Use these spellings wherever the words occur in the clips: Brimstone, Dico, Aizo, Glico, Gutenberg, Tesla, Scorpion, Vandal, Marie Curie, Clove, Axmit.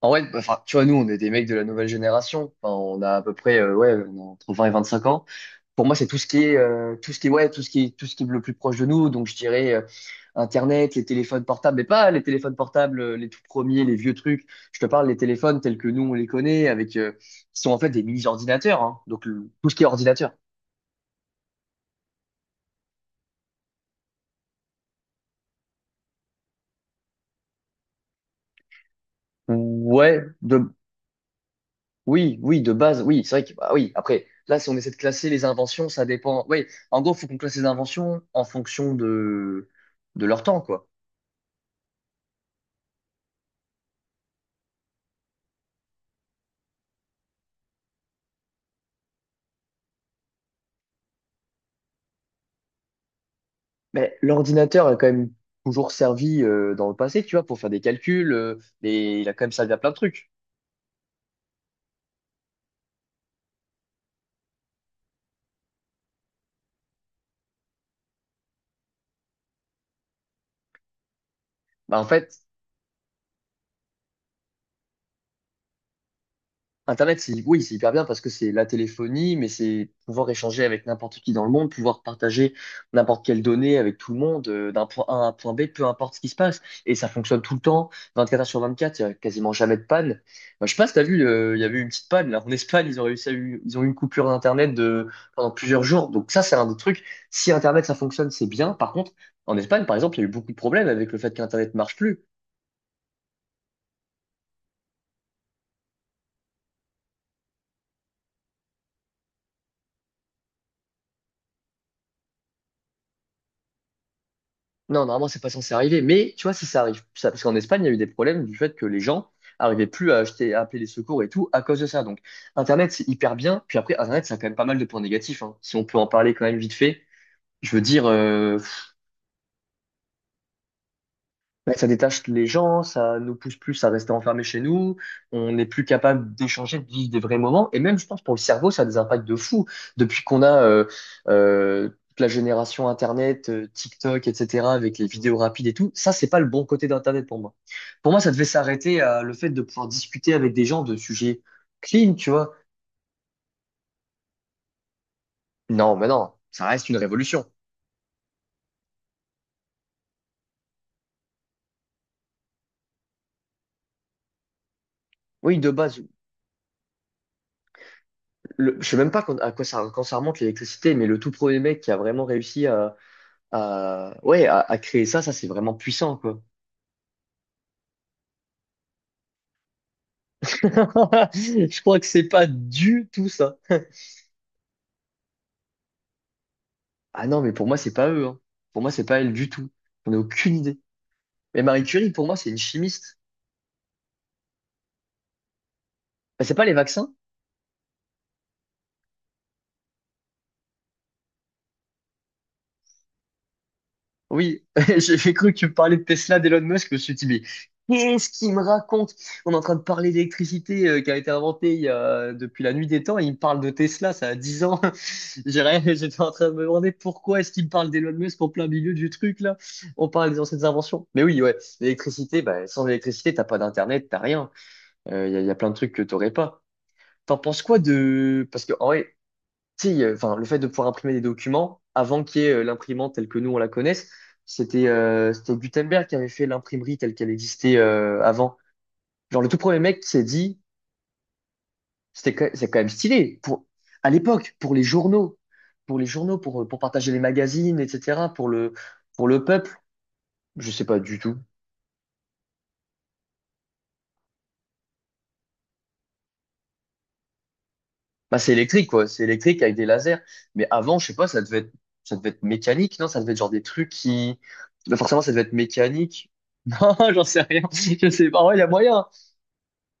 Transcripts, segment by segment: En vrai, bah, enfin, tu vois, nous, on est des mecs de la nouvelle génération. Enfin, on a à peu près, ouais, on a entre 20 et 25 ans. Pour moi, c'est tout ce qui est, ouais, tout ce qui est le plus proche de nous. Donc, je dirais Internet, les téléphones portables, mais pas les téléphones portables, les tout premiers, les vieux trucs. Je te parle des téléphones tels que nous, on les connaît, avec, qui sont en fait des mini-ordinateurs, hein. Donc, tout ce qui est ordinateur. Ouais. Oui, oui, de base, oui, c'est vrai que, bah oui, après, là, si on essaie de classer les inventions, ça dépend. Oui, en gros, faut qu'on classe les inventions en fonction de leur temps, quoi. Mais l'ordinateur a quand même toujours servi dans le passé, tu vois, pour faire des calculs, et il a quand même servi à plein de trucs. Bah, en fait, Internet, c'est, oui, c'est hyper bien parce que c'est la téléphonie, mais c'est pouvoir échanger avec n'importe qui dans le monde, pouvoir partager n'importe quelle donnée avec tout le monde, d'un point A à un point B, peu importe ce qui se passe. Et ça fonctionne tout le temps, 24 heures sur 24, il n'y a quasiment jamais de panne. Bah, je sais pas si t'as vu, il y avait eu une petite panne, là. En Espagne, ils ont réussi ils ont eu une coupure d'Internet pendant plusieurs jours. Donc ça, c'est un des trucs. Si Internet, ça fonctionne, c'est bien. Par contre, en Espagne, par exemple, il y a eu beaucoup de problèmes avec le fait qu'Internet marche plus. Non, normalement, c'est pas censé arriver. Mais tu vois, si ça arrive, ça, parce qu'en Espagne, il y a eu des problèmes du fait que les gens arrivaient plus à acheter, à appeler les secours et tout à cause de ça. Donc, Internet, c'est hyper bien. Puis après, Internet, ça a quand même pas mal de points négatifs, hein. Si on peut en parler quand même vite fait, je veux dire, ouais, ça détache les gens, ça nous pousse plus à rester enfermés chez nous, on n'est plus capable d'échanger, de vivre des vrais moments. Et même, je pense, pour le cerveau, ça a des impacts de fou. Depuis qu'on a toute la génération Internet, TikTok, etc., avec les vidéos rapides et tout, ça, c'est pas le bon côté d'Internet pour moi. Pour moi, ça devait s'arrêter à le fait de pouvoir discuter avec des gens de sujets clean, tu vois. Non, mais non, ça reste une révolution. Oui, de base, je sais même pas à quoi ça, quand ça remonte l'électricité, mais le tout premier mec qui a vraiment réussi à ouais, à créer ça, ça c'est vraiment puissant, quoi. Je crois que c'est pas du tout ça. Ah non, mais pour moi, c'est pas eux, hein. Pour moi, c'est pas elle du tout. On n'a aucune idée. Mais Marie Curie, pour moi, c'est une chimiste. Bah, c'est pas les vaccins? Oui, j'ai cru que tu me parlais de Tesla, d'Elon Musk. Je me suis dit, mais qu'est-ce qu'il me raconte? On est en train de parler d'électricité qui a été inventée depuis la nuit des temps et il me parle de Tesla, ça a 10 ans. J'ai rien- J'étais en train de me demander pourquoi est-ce qu'il me parle d'Elon Musk en plein milieu du truc là. On parle des anciennes inventions. Mais oui, ouais, l'électricité, bah, sans l'électricité, t'as pas d'internet, t'as rien. Il y a plein de trucs que t'aurais pas. T'en penses quoi de. Parce que en vrai, si, sais, enfin, le fait de pouvoir imprimer des documents avant qu'il y ait l'imprimante telle que nous on la connaisse, c'était Gutenberg qui avait fait l'imprimerie telle qu'elle existait avant. Genre le tout premier mec qui s'est dit, c'est quand même stylé pour à l'époque pour les journaux, pour partager les magazines, etc. pour le peuple. Je sais pas du tout. Bah, c'est électrique, quoi. C'est électrique avec des lasers. Mais avant, je sais pas, ça devait être mécanique, non? Ça devait être genre des trucs qui. Bah, forcément, ça devait être mécanique. Non, j'en sais rien. Je sais pas. Ouais, il y a moyen, hein.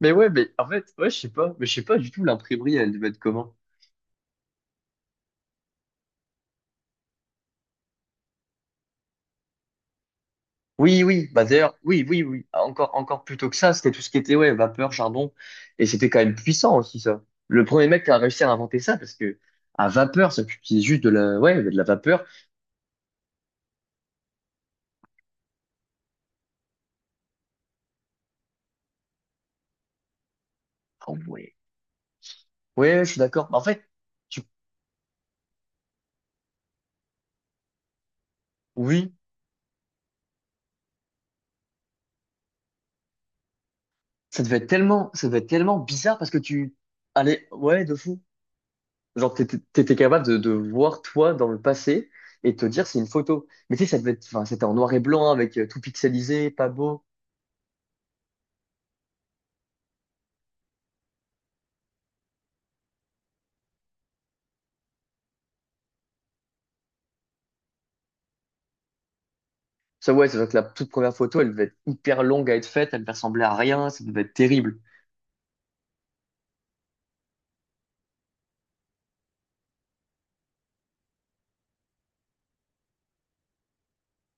Mais ouais, mais en fait, ouais, je sais pas. Mais je sais pas du tout, l'imprimerie, elle devait être comment? Oui, oui. Bah, d'ailleurs, oui, oui, oui. Encore plus tôt que ça, c'était tout ce qui était, ouais, vapeur, charbon. Et c'était quand même puissant aussi, ça. Le premier mec qui a réussi à inventer ça, parce que à vapeur, ça utilisait juste ouais, de la vapeur. Ah ouais. Ouais, je suis d'accord. En fait, tu- oui. Ça devait être tellement bizarre parce que tu allez, ouais, de fou. Genre, t'étais capable de voir toi dans le passé et te dire c'est une photo. Mais tu sais, ça devait être, enfin, c'était en noir et blanc hein, avec tout pixelisé, pas beau. Ça, ouais, c'est vrai que la toute première photo, elle devait être hyper longue à être faite, elle ne ressemblait à rien, ça devait être terrible.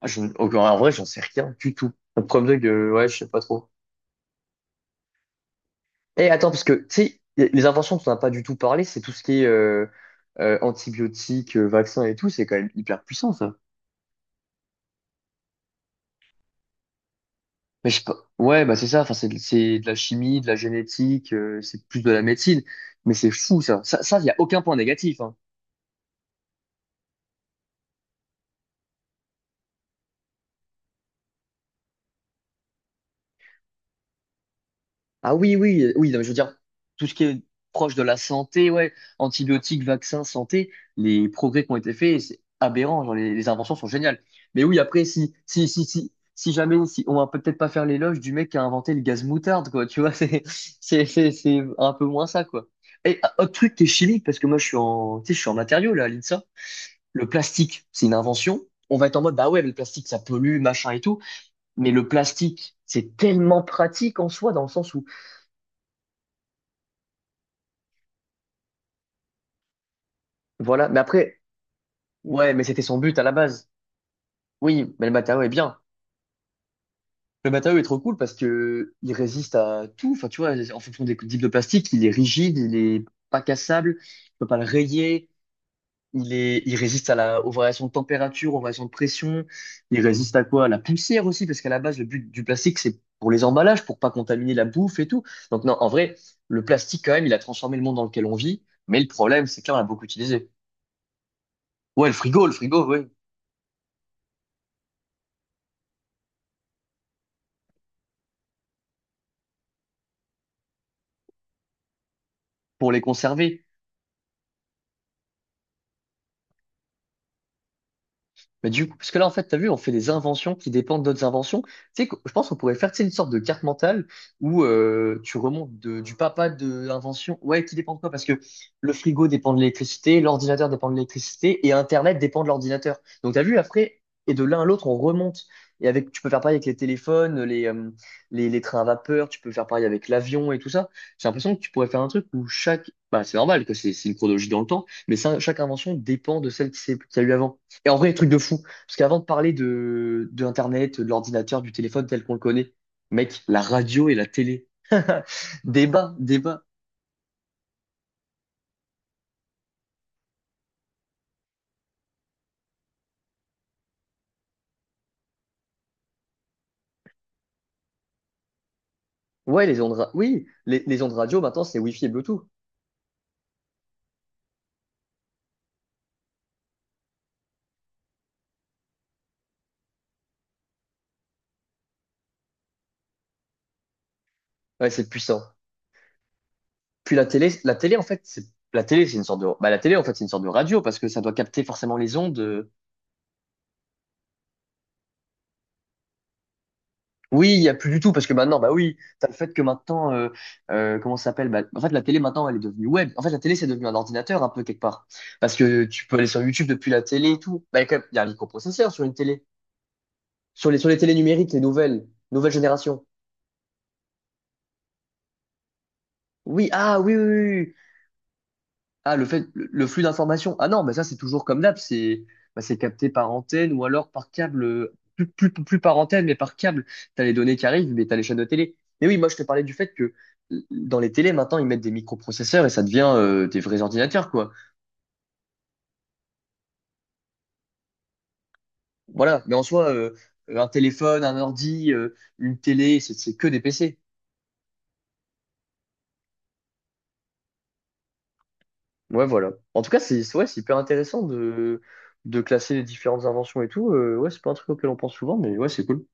Ah, en vrai, j'en sais rien du tout. Le problème, c'est que, ouais, je sais pas trop. Et attends, parce que, tu sais, les inventions dont on n'a pas du tout parlé, c'est tout ce qui est antibiotiques, vaccins et tout, c'est quand même hyper puissant. Mais je, pe- ouais, bah c'est ça. Enfin, c'est de la chimie, de la génétique, c'est plus de la médecine. Mais c'est fou ça. Ça, il y a aucun point négatif, hein. Ah oui, oui, oui, non, mais je veux dire, tout ce qui est proche de la santé, ouais, antibiotiques, vaccins, santé, les progrès qui ont été faits, c'est aberrant. Genre, les inventions sont géniales. Mais oui, après, si, si, si, si, si jamais, si, on va peut-être pas faire l'éloge du mec qui a inventé le gaz moutarde, quoi. Tu vois, c'est un peu moins ça, quoi. Et ah, autre truc qui est chimique, parce que moi, tu sais, je suis en matériaux là, à l'INSA. Le plastique, c'est une invention. On va être en mode, bah ouais, mais le plastique, ça pollue, machin et tout. Mais le plastique, c'est tellement pratique en soi, dans le sens où, voilà. Mais après, ouais, mais c'était son but à la base. Oui, mais le matériau est bien. Le matériau est trop cool parce que il résiste à tout. Enfin, tu vois, en fonction des types de plastique, il est rigide, il est pas cassable, tu peux pas le rayer. Il résiste aux variations de température, aux variations de pression. Il résiste à quoi? À la poussière aussi, parce qu'à la base, le but du plastique, c'est pour les emballages, pour pas contaminer la bouffe et tout. Donc non, en vrai, le plastique, quand même, il a transformé le monde dans lequel on vit. Mais le problème, c'est que là, on l'a beaucoup utilisé. Ouais, le frigo, ouais, pour les conserver. Mais du coup, parce que là, en fait, t'as vu, on fait des inventions qui dépendent d'autres inventions. Tu sais, je pense qu'on pourrait faire, tu sais, une sorte de carte mentale où tu remontes du papa de l'invention. Ouais, qui dépend de quoi? Parce que le frigo dépend de l'électricité, l'ordinateur dépend de l'électricité et Internet dépend de l'ordinateur. Donc, t'as vu, après, et de l'un à l'autre, on remonte. Et avec, tu peux faire pareil avec les téléphones, les trains à vapeur, tu peux faire pareil avec l'avion et tout ça. J'ai l'impression que tu pourrais faire un truc où chaque, bah, c'est normal que c'est une chronologie dans le temps, mais ça, chaque invention dépend de celle qui qu'il y a eu avant. Et en vrai, truc de fou. Parce qu'avant de parler de, Internet, de l'ordinateur, du téléphone tel qu'on le connaît, mec, la radio et la télé. Débat, débat. Ouais, les ondes, oui, les ondes radio, maintenant, c'est Wi-Fi et Bluetooth. Ouais, c'est puissant. Puis la télé, en fait, c'est, la télé, c'est une sorte de, bah, la télé, en fait, c'est une sorte de radio parce que ça doit capter forcément les ondes, oui, il y a plus du tout parce que maintenant, bah oui, t'as le fait que maintenant, comment ça s'appelle? Bah, en fait, la télé maintenant, elle est devenue web. En fait, la télé, c'est devenu un ordinateur un peu quelque part parce que tu peux aller sur YouTube depuis la télé et tout. Bah, il y a quand même, il y a un microprocesseur sur une télé, sur les télés numériques, nouvelle génération. Oui, ah oui, oui, oui, oui. Ah, le fait, le flux d'informations. Ah non, mais ça, c'est toujours comme d'hab, c'est bah, c'est capté par antenne ou alors par câble, plus, plus, plus par antenne, mais par câble. T'as les données qui arrivent, mais t'as les chaînes de télé. Mais oui, moi, je te parlais du fait que dans les télés, maintenant, ils mettent des microprocesseurs et ça devient des vrais ordinateurs, quoi. Voilà, mais en soi, un téléphone, un ordi, une télé, c'est que des PC. Ouais, voilà. En tout cas, c'est ouais, c'est hyper intéressant de, classer les différentes inventions et tout. Ouais, c'est pas un truc auquel on pense souvent, mais ouais, c'est cool.